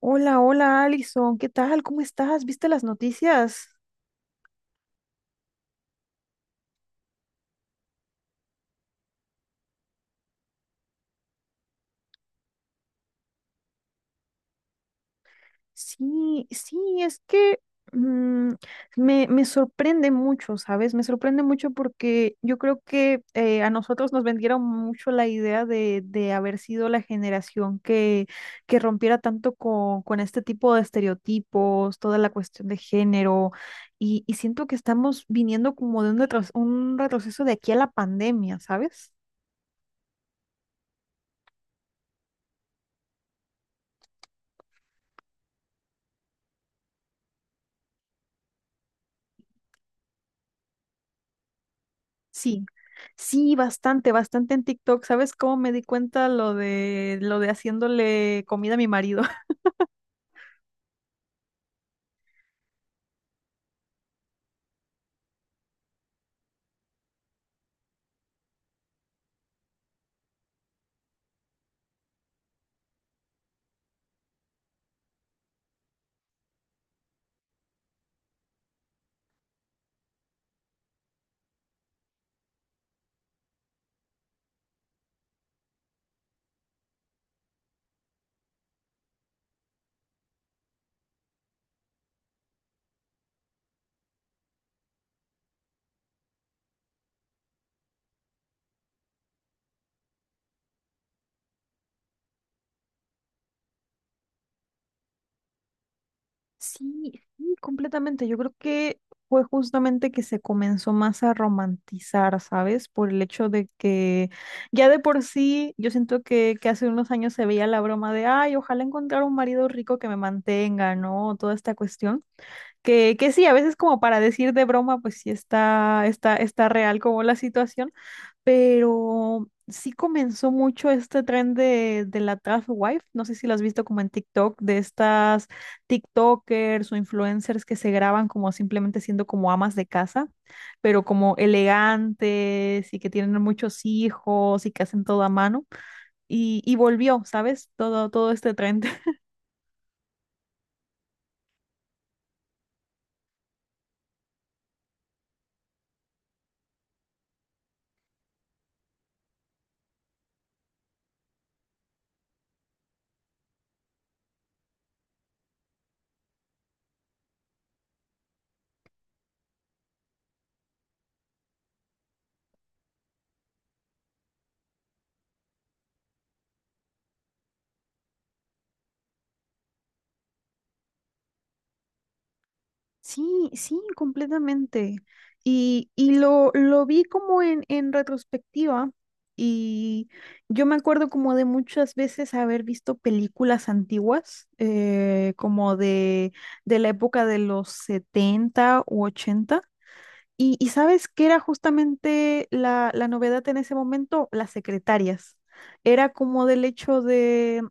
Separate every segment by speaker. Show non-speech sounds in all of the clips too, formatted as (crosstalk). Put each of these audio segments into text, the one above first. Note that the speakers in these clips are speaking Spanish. Speaker 1: Hola, hola, Alison, ¿qué tal? ¿Cómo estás? ¿Viste las noticias? Sí, sí, es que mm, me sorprende mucho, ¿sabes? Me sorprende mucho porque yo creo que a nosotros nos vendieron mucho la idea de haber sido la generación que rompiera tanto con este tipo de estereotipos, toda la cuestión de género, y siento que estamos viniendo como de un, un retroceso de aquí a la pandemia, ¿sabes? Sí, sí, bastante, bastante en TikTok. ¿Sabes cómo me di cuenta lo de haciéndole comida a mi marido? (laughs) Sí, sí, completamente. Yo creo que fue justamente que se comenzó más a romantizar, ¿sabes? Por el hecho de que ya de por sí, yo siento que hace unos años se veía la broma de, ay, ojalá encontrar un marido rico que me mantenga, ¿no? Toda esta cuestión. Que sí, a veces como para decir de broma, pues sí está, está, está real como la situación, pero sí comenzó mucho este tren de la trap wife. No sé si lo has visto como en TikTok, de estas TikTokers o influencers que se graban como simplemente siendo como amas de casa, pero como elegantes y que tienen muchos hijos y que hacen todo a mano. Y volvió, ¿sabes? Todo, todo este tren. Sí, sí, completamente. Y lo vi como en retrospectiva y yo me acuerdo como de muchas veces haber visto películas antiguas, como de la época de los 70 u 80. Y ¿sabes qué era justamente la, la novedad en ese momento? Las secretarias. Era como del hecho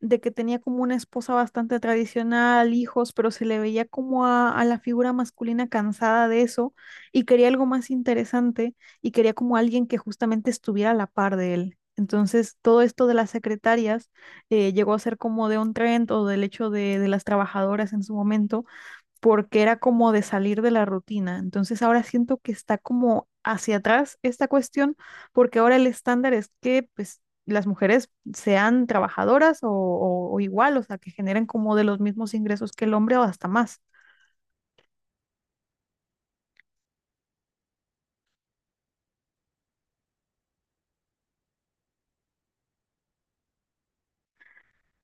Speaker 1: de que tenía como una esposa bastante tradicional, hijos, pero se le veía como a la figura masculina cansada de eso y quería algo más interesante y quería como alguien que justamente estuviera a la par de él. Entonces, todo esto de las secretarias llegó a ser como de un trend o del hecho de las trabajadoras en su momento, porque era como de salir de la rutina. Entonces ahora siento que está como hacia atrás esta cuestión, porque ahora el estándar es que pues las mujeres sean trabajadoras o igual, o sea, que generen como de los mismos ingresos que el hombre o hasta más.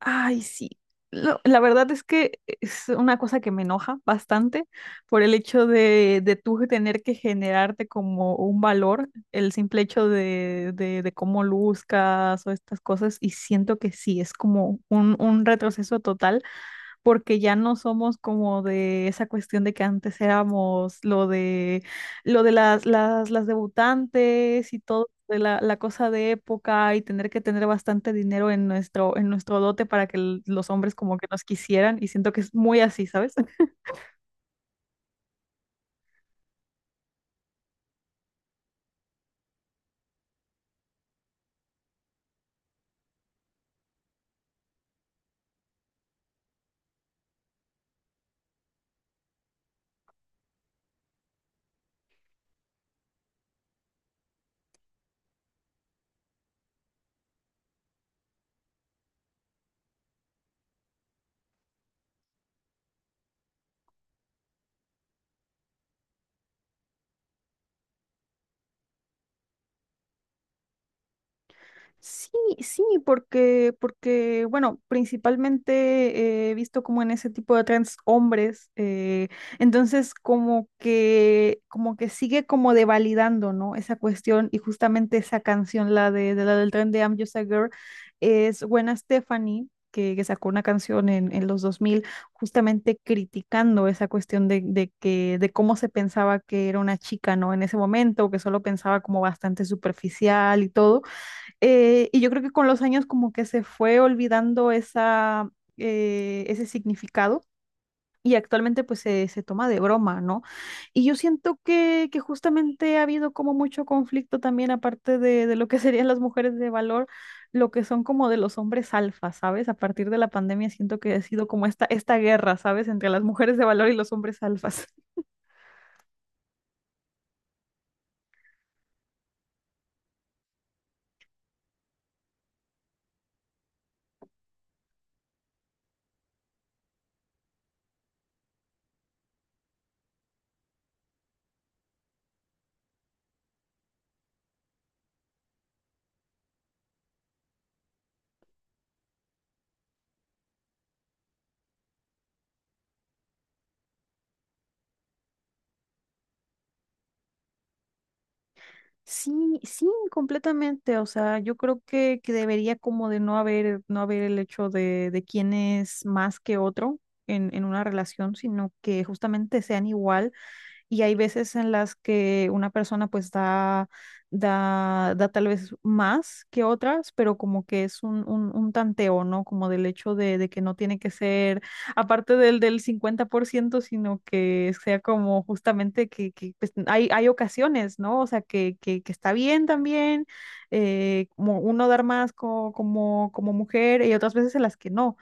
Speaker 1: Ay, sí. La verdad es que es una cosa que me enoja bastante por el hecho de tú tener que generarte como un valor, el simple hecho de cómo luzcas o estas cosas, y siento que sí, es como un retroceso total porque ya no somos como de esa cuestión de que antes éramos lo de las debutantes y todo de la, la cosa de época y tener que tener bastante dinero en nuestro dote para que los hombres como que nos quisieran y siento que es muy así, ¿sabes? Sí, sí, porque, porque, bueno, principalmente he visto como en ese tipo de trans hombres, entonces como que sigue como devalidando, ¿no? Esa cuestión y justamente esa canción, la de la del tren de I'm Just a Girl, es Gwen Stefani, que sacó una canción en los 2000 justamente criticando esa cuestión de que, de cómo se pensaba que era una chica, ¿no? En ese momento, que solo pensaba como bastante superficial y todo. Y yo creo que con los años como que se fue olvidando esa, ese significado y actualmente pues se toma de broma, ¿no? Y yo siento que justamente ha habido como mucho conflicto también aparte de lo que (laughs) serían las mujeres de valor, lo que son como de los hombres alfa, ¿sabes? A partir de la pandemia siento que ha sido como esta guerra, ¿sabes? Entre las mujeres de valor y los hombres alfas. Sí, sí, completamente. O sea, yo creo que debería como de no haber, no haber el hecho de quién es más que otro en una relación, sino que justamente sean igual y hay veces en las que una persona pues da, da tal vez más que otras, pero como que es un tanteo, ¿no? Como del hecho de que no tiene que ser aparte del, del 50%, sino que sea como justamente que, pues, hay ocasiones, ¿no? O sea, que está bien también, como uno dar más como, como mujer y otras veces en las que no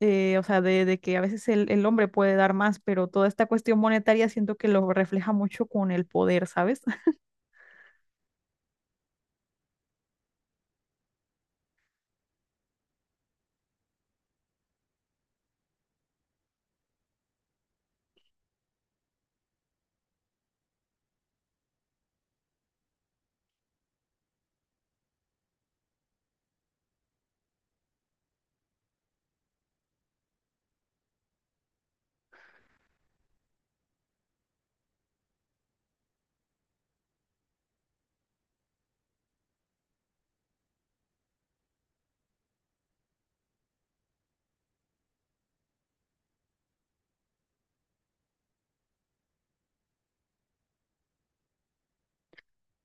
Speaker 1: o sea, de que a veces el hombre puede dar más, pero toda esta cuestión monetaria siento que lo refleja mucho con el poder, ¿sabes? (laughs)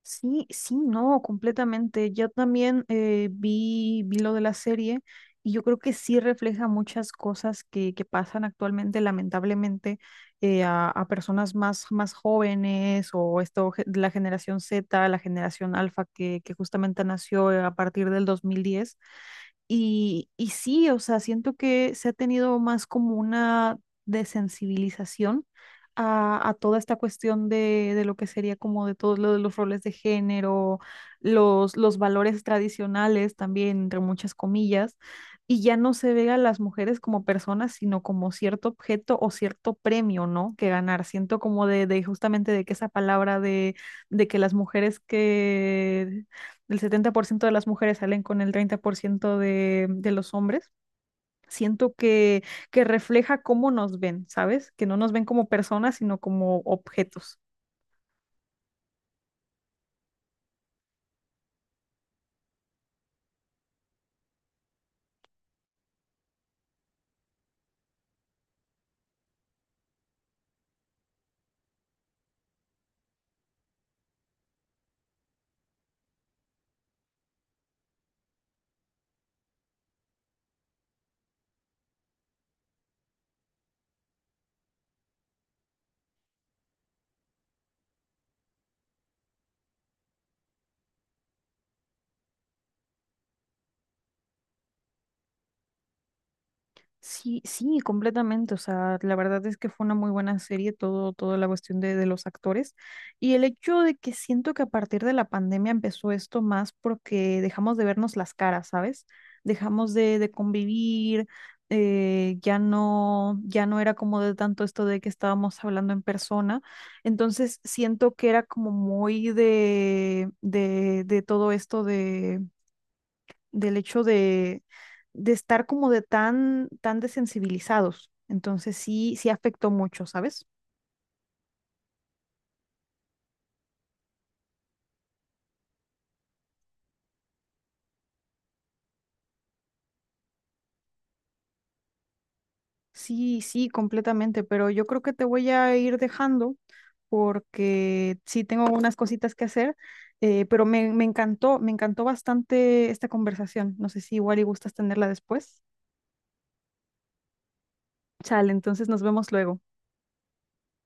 Speaker 1: Sí, sí, no, completamente. Yo también vi lo de la serie y yo creo que sí refleja muchas cosas que pasan actualmente, lamentablemente, a personas más, más jóvenes o esto, la generación Z, la generación Alfa que justamente nació a partir del 2010. Y sí, o sea, siento que se ha tenido más como una desensibilización a toda esta cuestión de lo que sería como de todos lo de los roles de género, los valores tradicionales también, entre muchas comillas, y ya no se ve a las mujeres como personas, sino como cierto objeto o cierto premio, ¿no? Que ganar. Siento como de justamente de que esa palabra de que las mujeres que el 70% de las mujeres salen con el 30% de los hombres. Siento que refleja cómo nos ven, ¿sabes? Que no nos ven como personas, sino como objetos. Sí, sí, completamente. O sea, la verdad es que fue una muy buena serie, todo, toda la cuestión de los actores. Y el hecho de que siento que a partir de la pandemia empezó esto más porque dejamos de vernos las caras, ¿sabes? Dejamos de convivir, ya no, ya no era como de tanto esto de que estábamos hablando en persona. Entonces siento que era como muy de todo esto del hecho de estar como de tan, tan desensibilizados. Entonces sí, sí afectó mucho, ¿sabes? Sí, sí, completamente, pero yo creo que te voy a ir dejando porque sí tengo unas cositas que hacer, pero me encantó, me encantó bastante esta conversación. No sé si igual y gustas tenerla después. Chale, entonces nos vemos luego.